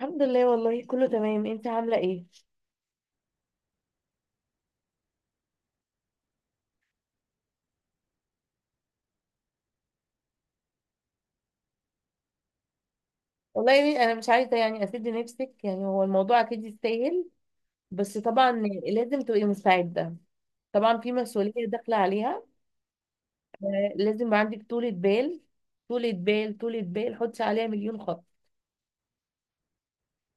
الحمد لله والله كله تمام. انت عامله ايه؟ والله يعني انا مش عايزه يعني اسد نفسك، يعني هو الموضوع اكيد يستاهل، بس طبعا لازم تبقي مستعده. طبعا في مسؤوليه داخله عليها، لازم يبقى عندك طولة بال. طولة بال طولة بال، حطي عليها مليون خط.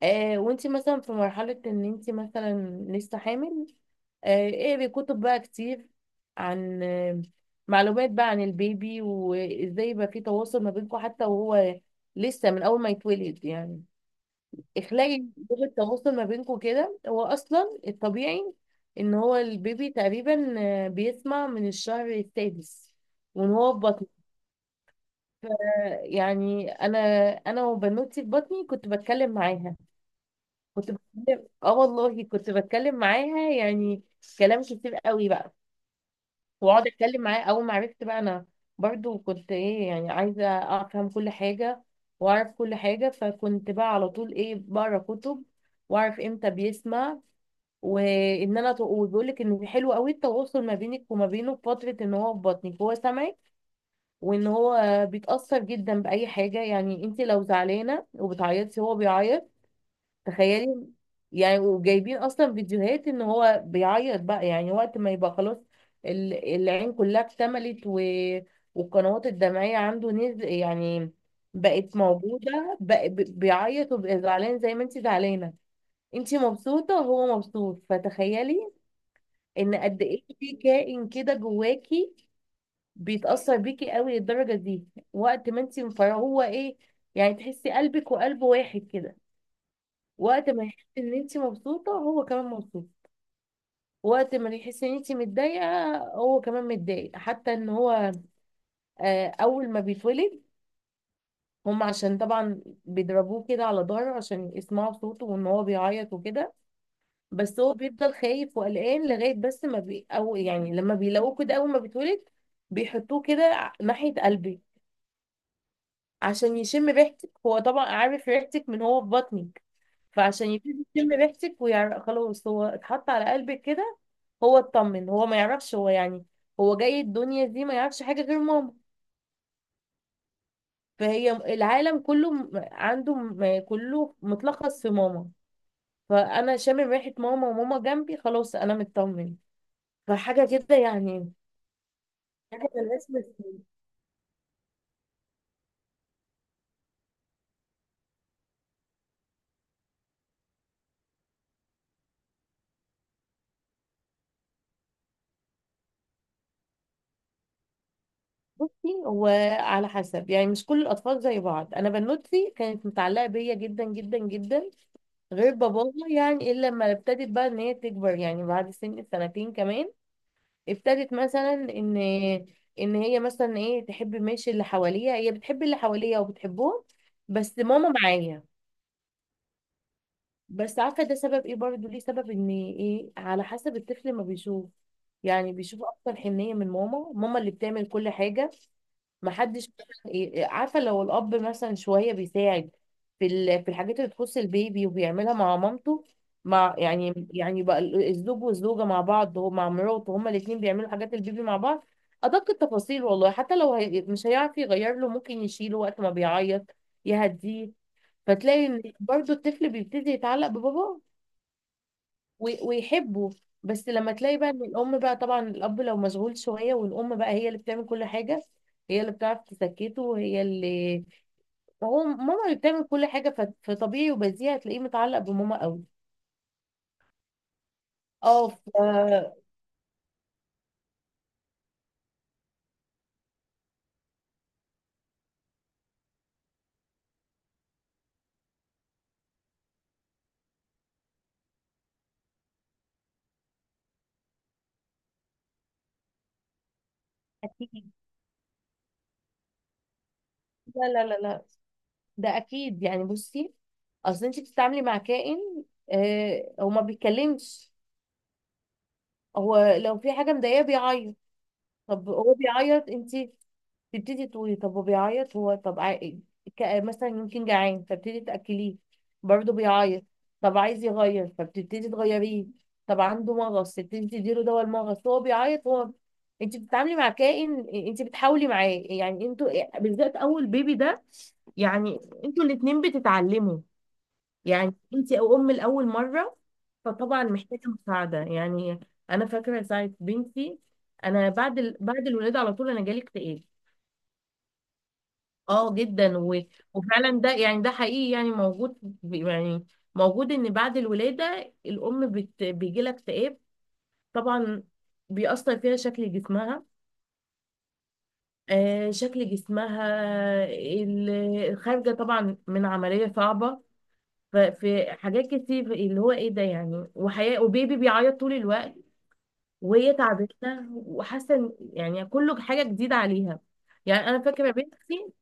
وانت مثلا في مرحله ان انت مثلا لسه حامل، اقري كتب بقى كتير عن معلومات بقى عن البيبي، وازاي يبقى في تواصل ما بينكم حتى وهو لسه من اول ما يتولد. يعني اخلاقي، لغة تواصل ما بينكم كده. هو اصلا الطبيعي ان هو البيبي تقريبا بيسمع من الشهر السادس وان هو في بطن. يعني انا وبنوتي في بطني كنت بتكلم معاها، كنت بتكلم، والله كنت بتكلم معاها، يعني كلام كتير قوي بقى. واقعد اتكلم معاه اول ما عرفت بقى، انا برضو كنت ايه، يعني عايزه افهم كل حاجه واعرف كل حاجه، فكنت بقى على طول ايه بقرا كتب واعرف امتى بيسمع. وان انا وبيقول لك ان حلو قوي التواصل ما بينك وما بينه في فتره ان هو في بطنك، هو سامعك. وان هو بيتاثر جدا باي حاجه، يعني انت لو زعلانه وبتعيطي هو بيعيط. تخيلي يعني، وجايبين اصلا فيديوهات ان هو بيعيط بقى، يعني وقت ما يبقى خلاص العين كلها اكتملت والقنوات الدمعية عنده نزل، يعني بقت موجودة بقى، بيعيط وبقى زعلان زي ما انت زعلانة. انت مبسوطة وهو مبسوط، فتخيلي ان قد ايه في كائن كده جواكي بيتأثر بيكي قوي للدرجة دي. وقت ما انت مفرغه هو ايه، يعني تحسي قلبك وقلبه واحد كده. وقت ما يحس ان انت مبسوطه هو كمان مبسوط، وقت ما يحس ان انت متضايقه هو كمان متضايق. حتى ان هو اول ما بيتولد، هم عشان طبعا بيضربوه كده على ظهره عشان يسمعوا صوته وان هو بيعيط وكده. بس هو بيفضل خايف وقلقان لغايه، بس ما بي او يعني لما بيلاقوه كده اول ما بيتولد بيحطوه كده ناحيه قلبي عشان يشم ريحتك. هو طبعا عارف ريحتك من هو في بطنك، فعشان يبتدي يشم ريحتك ويعرف خلاص هو اتحط على قلبك كده هو اطمن. هو ما يعرفش، هو يعني هو جاي الدنيا دي ما يعرفش حاجة غير ماما. فهي العالم كله عنده، كله متلخص في ماما. فأنا شامم ريحة ماما وماما جنبي، خلاص أنا مطمن. فحاجة كده يعني، حاجة ملهاش مثيل. بصي هو على حسب، يعني مش كل الأطفال زي بعض. أنا بنوتي كانت متعلقة بيا جدا جدا جدا غير باباها، يعني إلا لما ابتدت بقى إن هي تكبر، يعني بعد سن سنتين كمان ابتدت مثلا ان ان هي مثلا ايه تحب، ماشي اللي حواليها هي بتحب اللي حواليها وبتحبهم، بس ماما معايا. بس عارفه ده سبب ايه برضو، ليه سبب ان ايه، على حسب الطفل ما بيشوف. يعني بيشوف اكتر حنيه من ماما، ماما اللي بتعمل كل حاجه. محدش مثلا إيه- إيه، عارفه لو الاب مثلا شويه بيساعد في في الحاجات اللي تخص البيبي وبيعملها مع مامته. مع يعني بقى الزوج والزوجه مع بعض، هو مع مراته هما الاثنين بيعملوا حاجات البيبي مع بعض، ادق التفاصيل. والله حتى لو هي مش هيعرف يغير له، ممكن يشيله وقت ما بيعيط يهديه. فتلاقي ان برضو الطفل بيبتدي يتعلق بباباه ويحبه. بس لما تلاقي بقى ان الام بقى، طبعا الاب لو مشغول شويه والام بقى هي اللي بتعمل كل حاجه، هي اللي بتعرف تسكته، وهي اللي هو ماما اللي بتعمل كل حاجه، فطبيعي وبديهي هتلاقيه متعلق بماما قوي. اه اكيد. لا لا لا لا، ده اكيد يعني. بصي اصل انت بتتعاملي مع كائن، آه هو ما بيتكلمش. هو لو في حاجه مضايقاه بيعيط. طب هو بيعيط، انت تبتدي تقولي طب هو بيعيط، هو طب مثلا يمكن جعان فبتدي تأكليه، برضه بيعيط. طب عايز يغير فبتبتدي تغيريه، طب عنده مغص تبتدي تديله دواء المغص، هو بيعيط هو. انت بتتعاملي مع كائن، انت بتحاولي معاه يعني. انتوا بالذات اول بيبي ده يعني، انتوا الاتنين بتتعلموا. يعني انت او ام لاول مره، فطبعا محتاجه مساعده يعني. انا فاكره ساعه بنتي، انا بعد بعد الولاده على طول انا جالي اكتئاب، اه جدا وفعلا ده يعني، ده حقيقي يعني موجود، يعني موجود ان بعد الولادة الام بيجي لها اكتئاب. طبعا بيأثر فيها شكل جسمها، آه شكل جسمها ال- الخارجة طبعا من عملية صعبة. ففي حاجات كتير اللي هو ايه ده، يعني وحياة وبيبي بيعيط طول الوقت وهي تعبتنا، وحاسة يعني كله حاجة جديدة عليها. يعني انا فاكرة بنتي،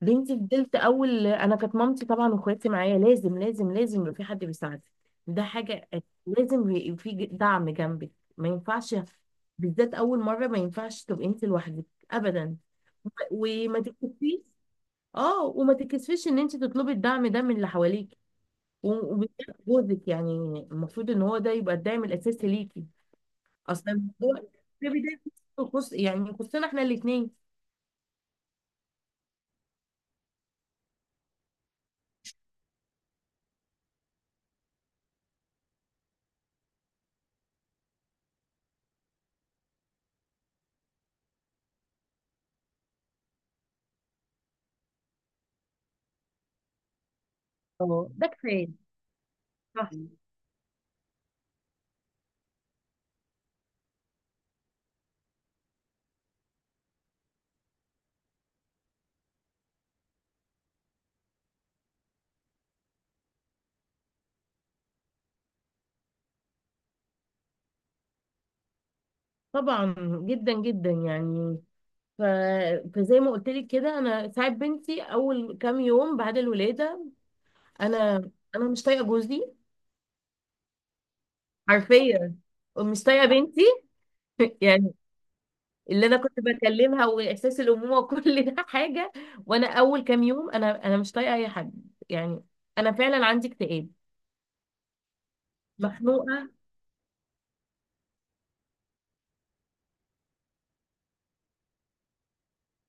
بنتي فضلت اول، انا كانت مامتي طبعا واخواتي معايا. لازم لازم لازم يبقى في حد بيساعدك، ده حاجه. لازم يبقى في دعم جنبك، ما ينفعش بالذات اول مره ما ينفعش تبقي انت لوحدك ابدا. وما تكسفيش، اه وما تكسفيش ان انت تطلبي الدعم ده من اللي حواليك. وبالذات جوزك يعني، المفروض ان هو ده يبقى الدعم الاساسي ليكي. اصلا الموضوع في بدايه يخص، يعني يخصنا احنا الاثنين. اه ده كفايه، صح، طبعا جدا جدا يعني. ف... فزي ما قلت لك كده، انا ساعات بنتي اول كام يوم بعد الولاده انا انا مش طايقه جوزي، حرفيا، ومش طايقه بنتي يعني اللي انا كنت بكلمها واحساس الامومه وكل ده حاجه. وانا اول كام يوم انا مش طايقه اي حد يعني. انا فعلا عندي اكتئاب، مخنوقه.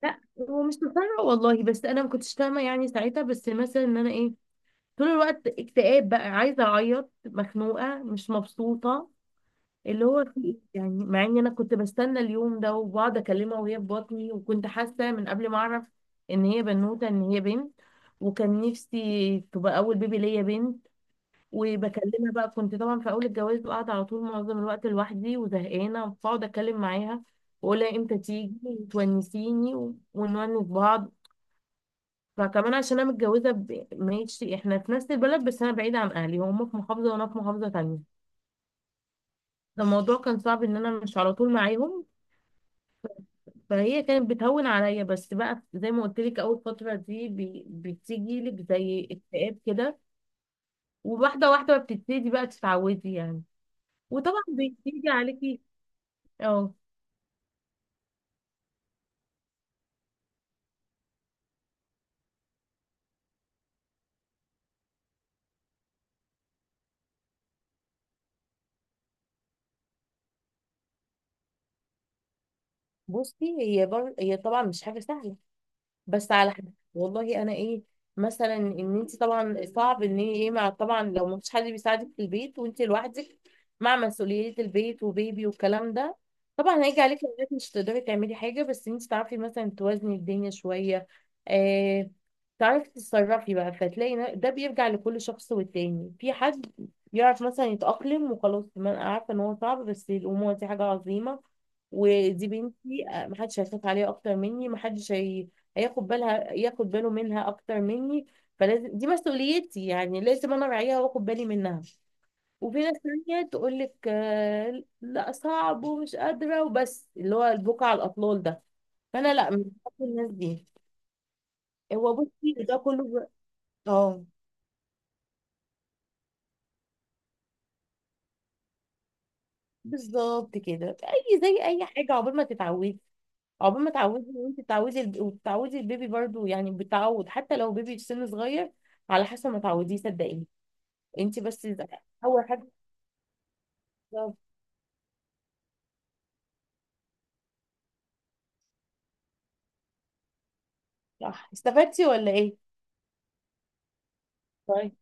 لا ومش مقتنعه والله، بس انا ما كنتش فاهمه يعني ساعتها، بس مثلا ان انا ايه طول الوقت اكتئاب بقى، عايزه اعيط، مخنوقه، مش مبسوطه، اللي هو في إيه؟ يعني مع ان انا كنت بستنى اليوم ده وبقعد اكلمها وهي في بطني، وكنت حاسه من قبل ما اعرف ان هي بنوته ان هي بنت. وكان نفسي تبقى اول بيبي ليا بنت. وبكلمها بقى، كنت طبعا في اول الجواز بقعد على طول معظم الوقت لوحدي وزهقانه، فاقعد اتكلم معاها واقولها امتى تيجي وتونسيني ونونس بعض. فكمان عشان انا متجوزه ماشي احنا في نفس البلد، بس انا بعيده عن اهلي، هم في محافظه وانا في محافظه تانية. فالموضوع كان صعب ان انا مش على طول معاهم، فهي كانت بتهون عليا. بس بقى زي ما قلت لك اول فتره دي بتيجي لك زي اكتئاب كده، وواحده واحده بتبتدي بقى تتعودي يعني، وطبعا بيجي عليكي، اه. بصي هي هي طبعا مش حاجه سهله. بس على حد والله انا ايه، مثلا ان انت طبعا صعب ان هي ايه مع، طبعا لو ما فيش حد بيساعدك في البيت وانت لوحدك مع مسؤوليات البيت وبيبي والكلام ده، طبعا هيجي عليك اوقات مش تقدري تعملي حاجه. بس انت تعرفي مثلا توازني الدنيا شويه، آه تعرفي تتصرفي بقى، فتلاقي ده بيرجع لكل شخص، والتاني في حد يعرف مثلا يتأقلم وخلاص. ما انا عارفه ان هو صعب، بس الامومه دي حاجه عظيمه، ودي بنتي محدش هيخاف عليها اكتر مني، محدش هياخد بالها، ياخد باله منها اكتر مني. فلازم دي مسؤوليتي، يعني لازم انا اراعيها واخد بالي منها. وفي ناس تانية تقول لك لا صعب ومش قادرة وبس اللي هو البكا على الاطلال ده. فانا لا مش بحب الناس دي. هو بصي ده كله اه. بالظبط كده، اي زي اي حاجة عقبال ما تتعودي. عقبال ما تعودي، وانت تعودي وتعودي البيبي برضو، يعني بتعود حتى لو بيبي في سن صغير على حسب ما تعوديه. صدقيني، انت بس اول حاجة. صح، استفدتي ولا ايه؟ طيب.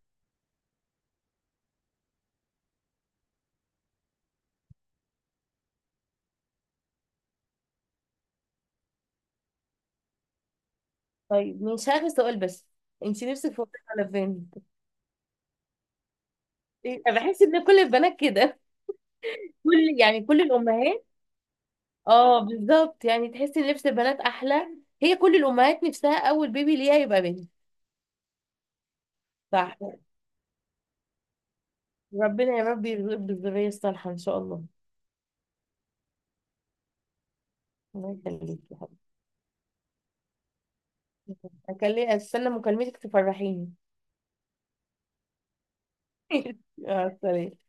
طيب، مش عارفه سؤال بس، انت نفسك في وظيفه على فين؟ أنا بحس ان كل البنات كده، كل يعني كل الامهات. اه بالظبط، يعني تحسي ان لبس البنات احلى. هي كل الامهات نفسها اول بيبي ليها يبقى بنت. صح، ربنا يا رب يرزقك بالذريه الصالحه ان شاء الله. الله يخليك يا حبيبتي. اكلم، استنى مكالمتك تفرحيني سلام.